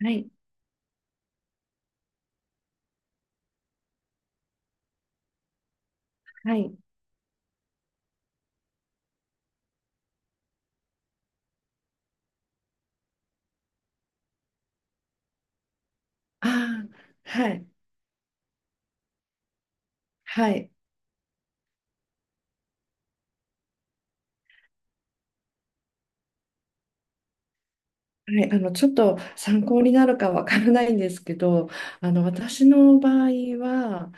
はい、はい、ああ、はい、はい、はい、ちょっと参考になるかわからないんですけど、私の場合は、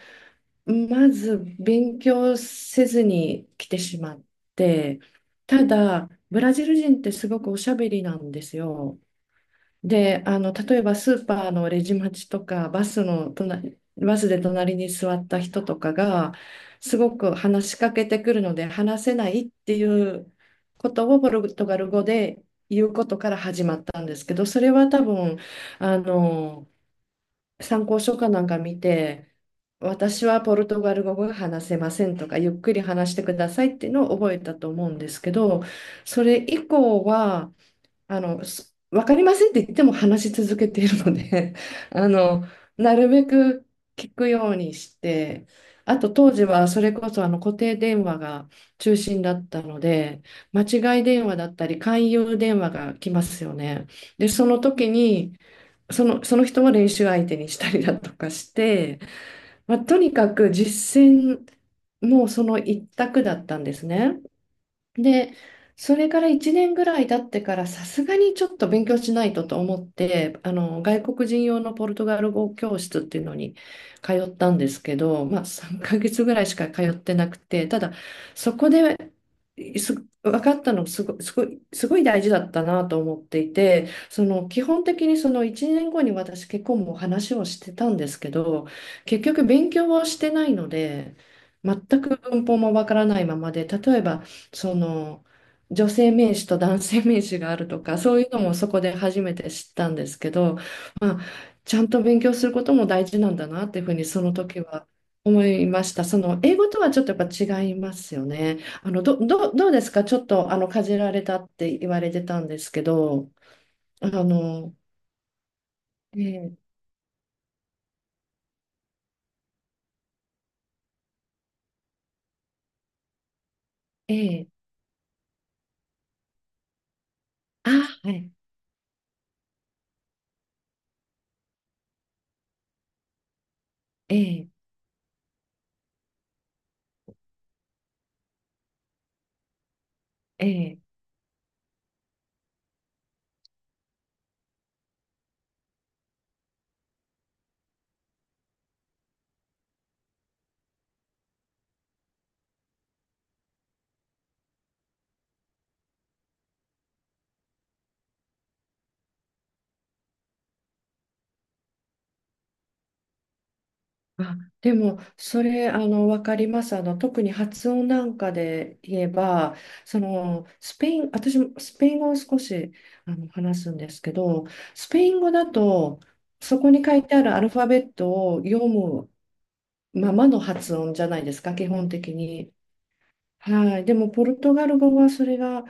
まず勉強せずに来てしまって、ただ、ブラジル人ってすごくおしゃべりなんですよ。で、例えばスーパーのレジ待ちとか、バスで隣に座った人とかが、すごく話しかけてくるので、話せないっていうことをポルトガル語で言うことから始まったんですけど、それは多分、あの、参考書かなんか見て、私はポルトガル語が話せませんとか、ゆっくり話してくださいっていうのを覚えたと思うんですけど、それ以降は、すわかりませんって言っても話し続けているので あの、なるべく聞くようにして、あと当時はそれこそ固定電話が中心だったので、間違い電話だったり勧誘電話が来ますよね。で、その時に、その人を練習相手にしたりだとかして、まあ、とにかく実践もその一択だったんですね。で、それから1年ぐらい経ってから、さすがにちょっと勉強しないとと思って、外国人用のポルトガル語教室っていうのに通ったんですけど、まあ、3ヶ月ぐらいしか通ってなくて、ただ、そこで、す分かったのすごい大事だったなと思っていて、その基本的にその1年後に私結婚も話をしてたんですけど、結局勉強をしてないので、全く文法もわからないままで、例えばその女性名詞と男性名詞があるとかそういうのもそこで初めて知ったんですけど、まあ、ちゃんと勉強することも大事なんだなっていうふうにその時は思いました。その英語とはちょっとやっぱ違いますよね。どうですか、ちょっとかじられたって言われてたんですけど、あの、ええええあ、はい、ええええあ、でも、それ、わかります。特に発音なんかで言えば、その、スペイン、私もスペイン語を少し、話すんですけど、スペイン語だと、そこに書いてあるアルファベットを読むままの発音じゃないですか、基本的に。はい。でも、ポルトガル語はそれが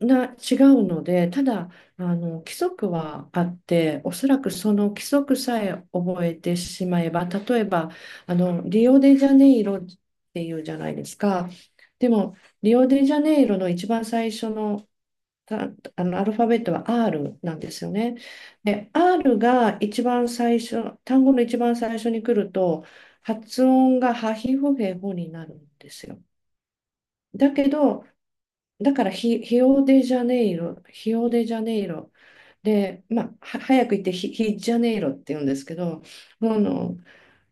違うので、ただ規則はあって、おそらくその規則さえ覚えてしまえば、例えばリオデジャネイロっていうじゃないですか。でも、リオデジャネイロの一番最初の、たアルファベットは R なんですよね。で、R が一番最初、単語の一番最初に来ると、発音がハヒフヘホになるんですよ。だけど、だからヒオデジャネイロで、まあ、は早く言ってヒジャネイロって言うんですけど、あの、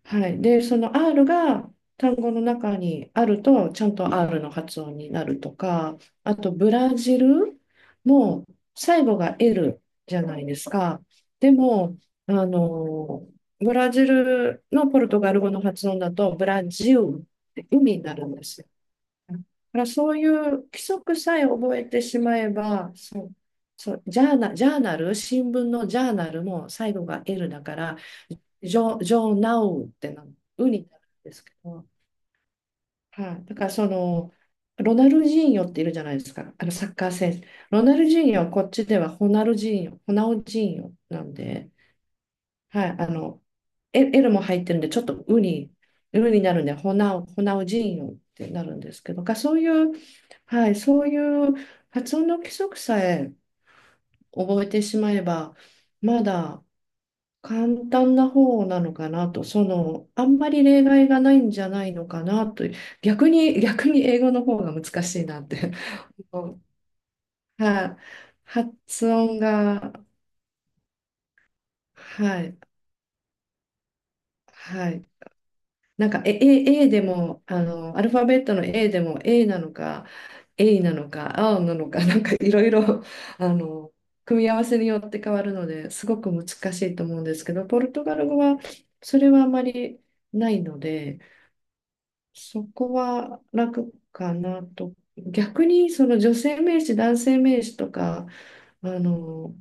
はい。で、その R が単語の中にあると、ちゃんと R の発音になるとか、あとブラジルも最後が L じゃないですか。でも、あの、ブラジルのポルトガル語の発音だと、ブラジルって海になるんですよ。だからそういう規則さえ覚えてしまえば、そう、ジャーナル、新聞のジャーナルも最後が L だから、ジョーナウってウになるんですけど、はい、だからその、ロナルジーニョっているじゃないですか、あのサッカー選手。ロナルジーニョはこっちではホナルジーニョ、ホナウジーニョなんで、はい、L L も入ってるんで、ちょっとウになるんで、ホナウジーニョってなるんですけど、そういうはい、そういう発音の規則さえ覚えてしまえば、まだ簡単な方なのかなと、その、あんまり例外がないんじゃないのかなと、逆に、逆に英語の方が難しいなって。はい、発音が、はい、はい。なんか、A でも、アルファベットの A でも A なのか、A なのか、A なのか、なんかいろいろ、あの、組み合わせによって変わるので、すごく難しいと思うんですけど、ポルトガル語はそれはあまりないので、そこは楽かなと。逆に、その女性名詞、男性名詞とか、あの、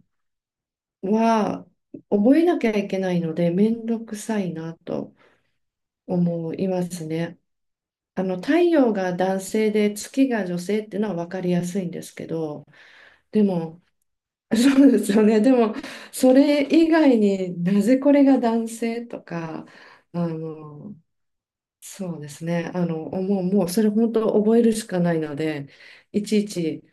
は覚えなきゃいけないので、めんどくさいなと思いますね。あの太陽が男性で月が女性っていうのは分かりやすいんですけど、でも そうですよね。でも、それ以外になぜこれが男性とか、あのそうですね、もうそれ本当覚えるしかないので、いちいち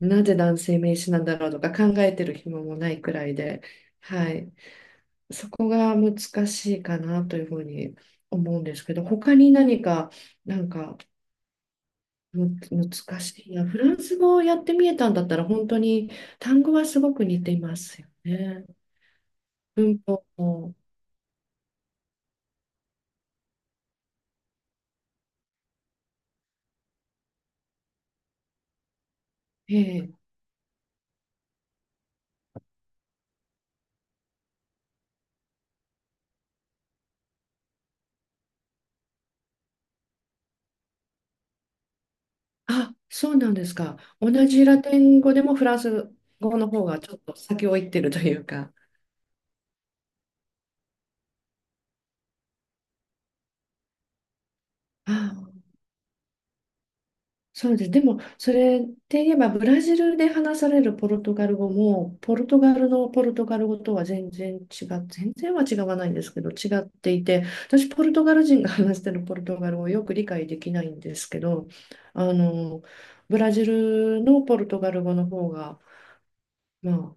なぜ男性名詞なんだろうとか考えてる暇もないくらいで、はい、そこが難しいかなというふうに思うんですけど、他に何か、なんか難しい。いや、フランス語をやってみえたんだったら、本当に単語はすごく似ていますよね。文法も。ええ。あ、そうなんですか。同じラテン語でもフランス語の方がちょっと先を行ってるというか。あ、そうです。でも、それって言えば、ブラジルで話されるポルトガル語も、ポルトガルのポルトガル語とは全然違う、全然は違わないんですけど、違っていて、私、ポルトガル人が話してるポルトガル語をよく理解できないんですけど、あの、ブラジルのポルトガル語の方が、まあ、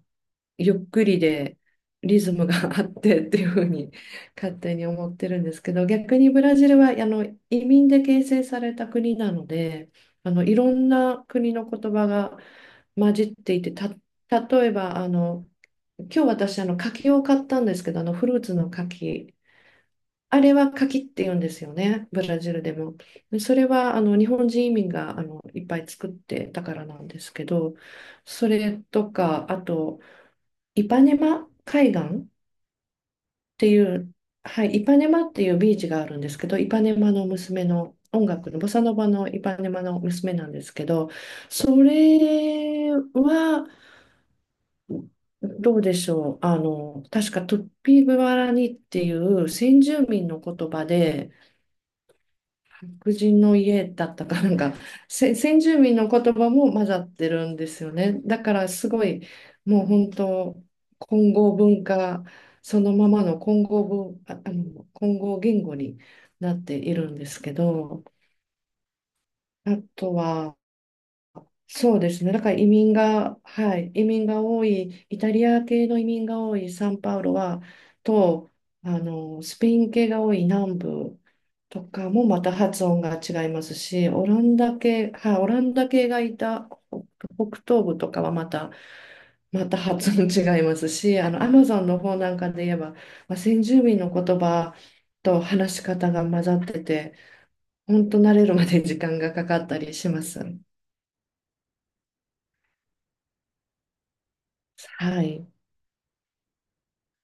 ゆっくりでリズムが あってっていうふうに勝手に思ってるんですけど、逆にブラジルは移民で形成された国なので、いろんな国の言葉が混じっていてた。例えば今日私柿を買ったんですけど、フルーツの柿、あれは柿って言うんですよね、ブラジルでも。で、それは日本人移民がいっぱい作ってたからなんですけど、それとか、あとイパネマ海岸っていう、はい、イパネマっていうビーチがあるんですけど、イパネマの娘の音楽のボサノバのイパネマの娘なんですけど、それはどうでしょう。確かトゥッピーグアラニっていう先住民の言葉で、白人の家だったかなんか、先住民の言葉も混ざってるんですよね。だからすごい、もう本当、混合文化、そのままの混合文、あ、あの、混合言語になっているんですけど、あとは、そうですね。だから移民が、はい、移民が多い、イタリア系の移民が多いサンパウロは、と、スペイン系が多い南部とかもまた発音が違いますし、オランダ系、はい、オランダ系がいた北東部とかはまた発音違いますし、アマゾンの方なんかで言えば、まあ、先住民の言葉と話し方が混ざってて、本当慣れるまで時間がかかったりします。はい。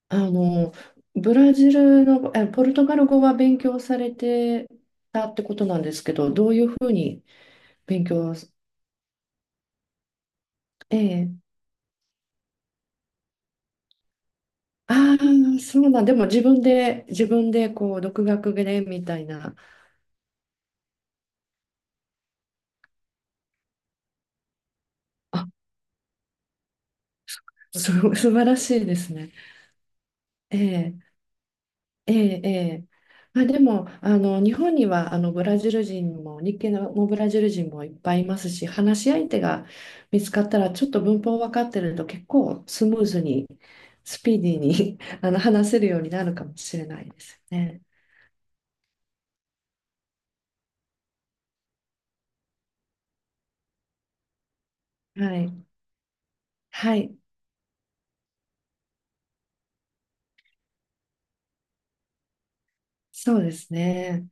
あの、ブラジルの、ポルトガル語は勉強されてたってことなんですけど、どういうふうに勉強、ええ、ああ、そうなん、でも自分でこう、独学でみたいな、あ、す、素晴らしいですね。ええええ、ええ。まあ、でも、日本には、ブラジル人も、日系のブラジル人もいっぱいいますし、話し相手が見つかったら、ちょっと文法分かってると、結構スムーズに、スピーディーに 話せるようになるかもしれないですよね。はい。はい。そうですね。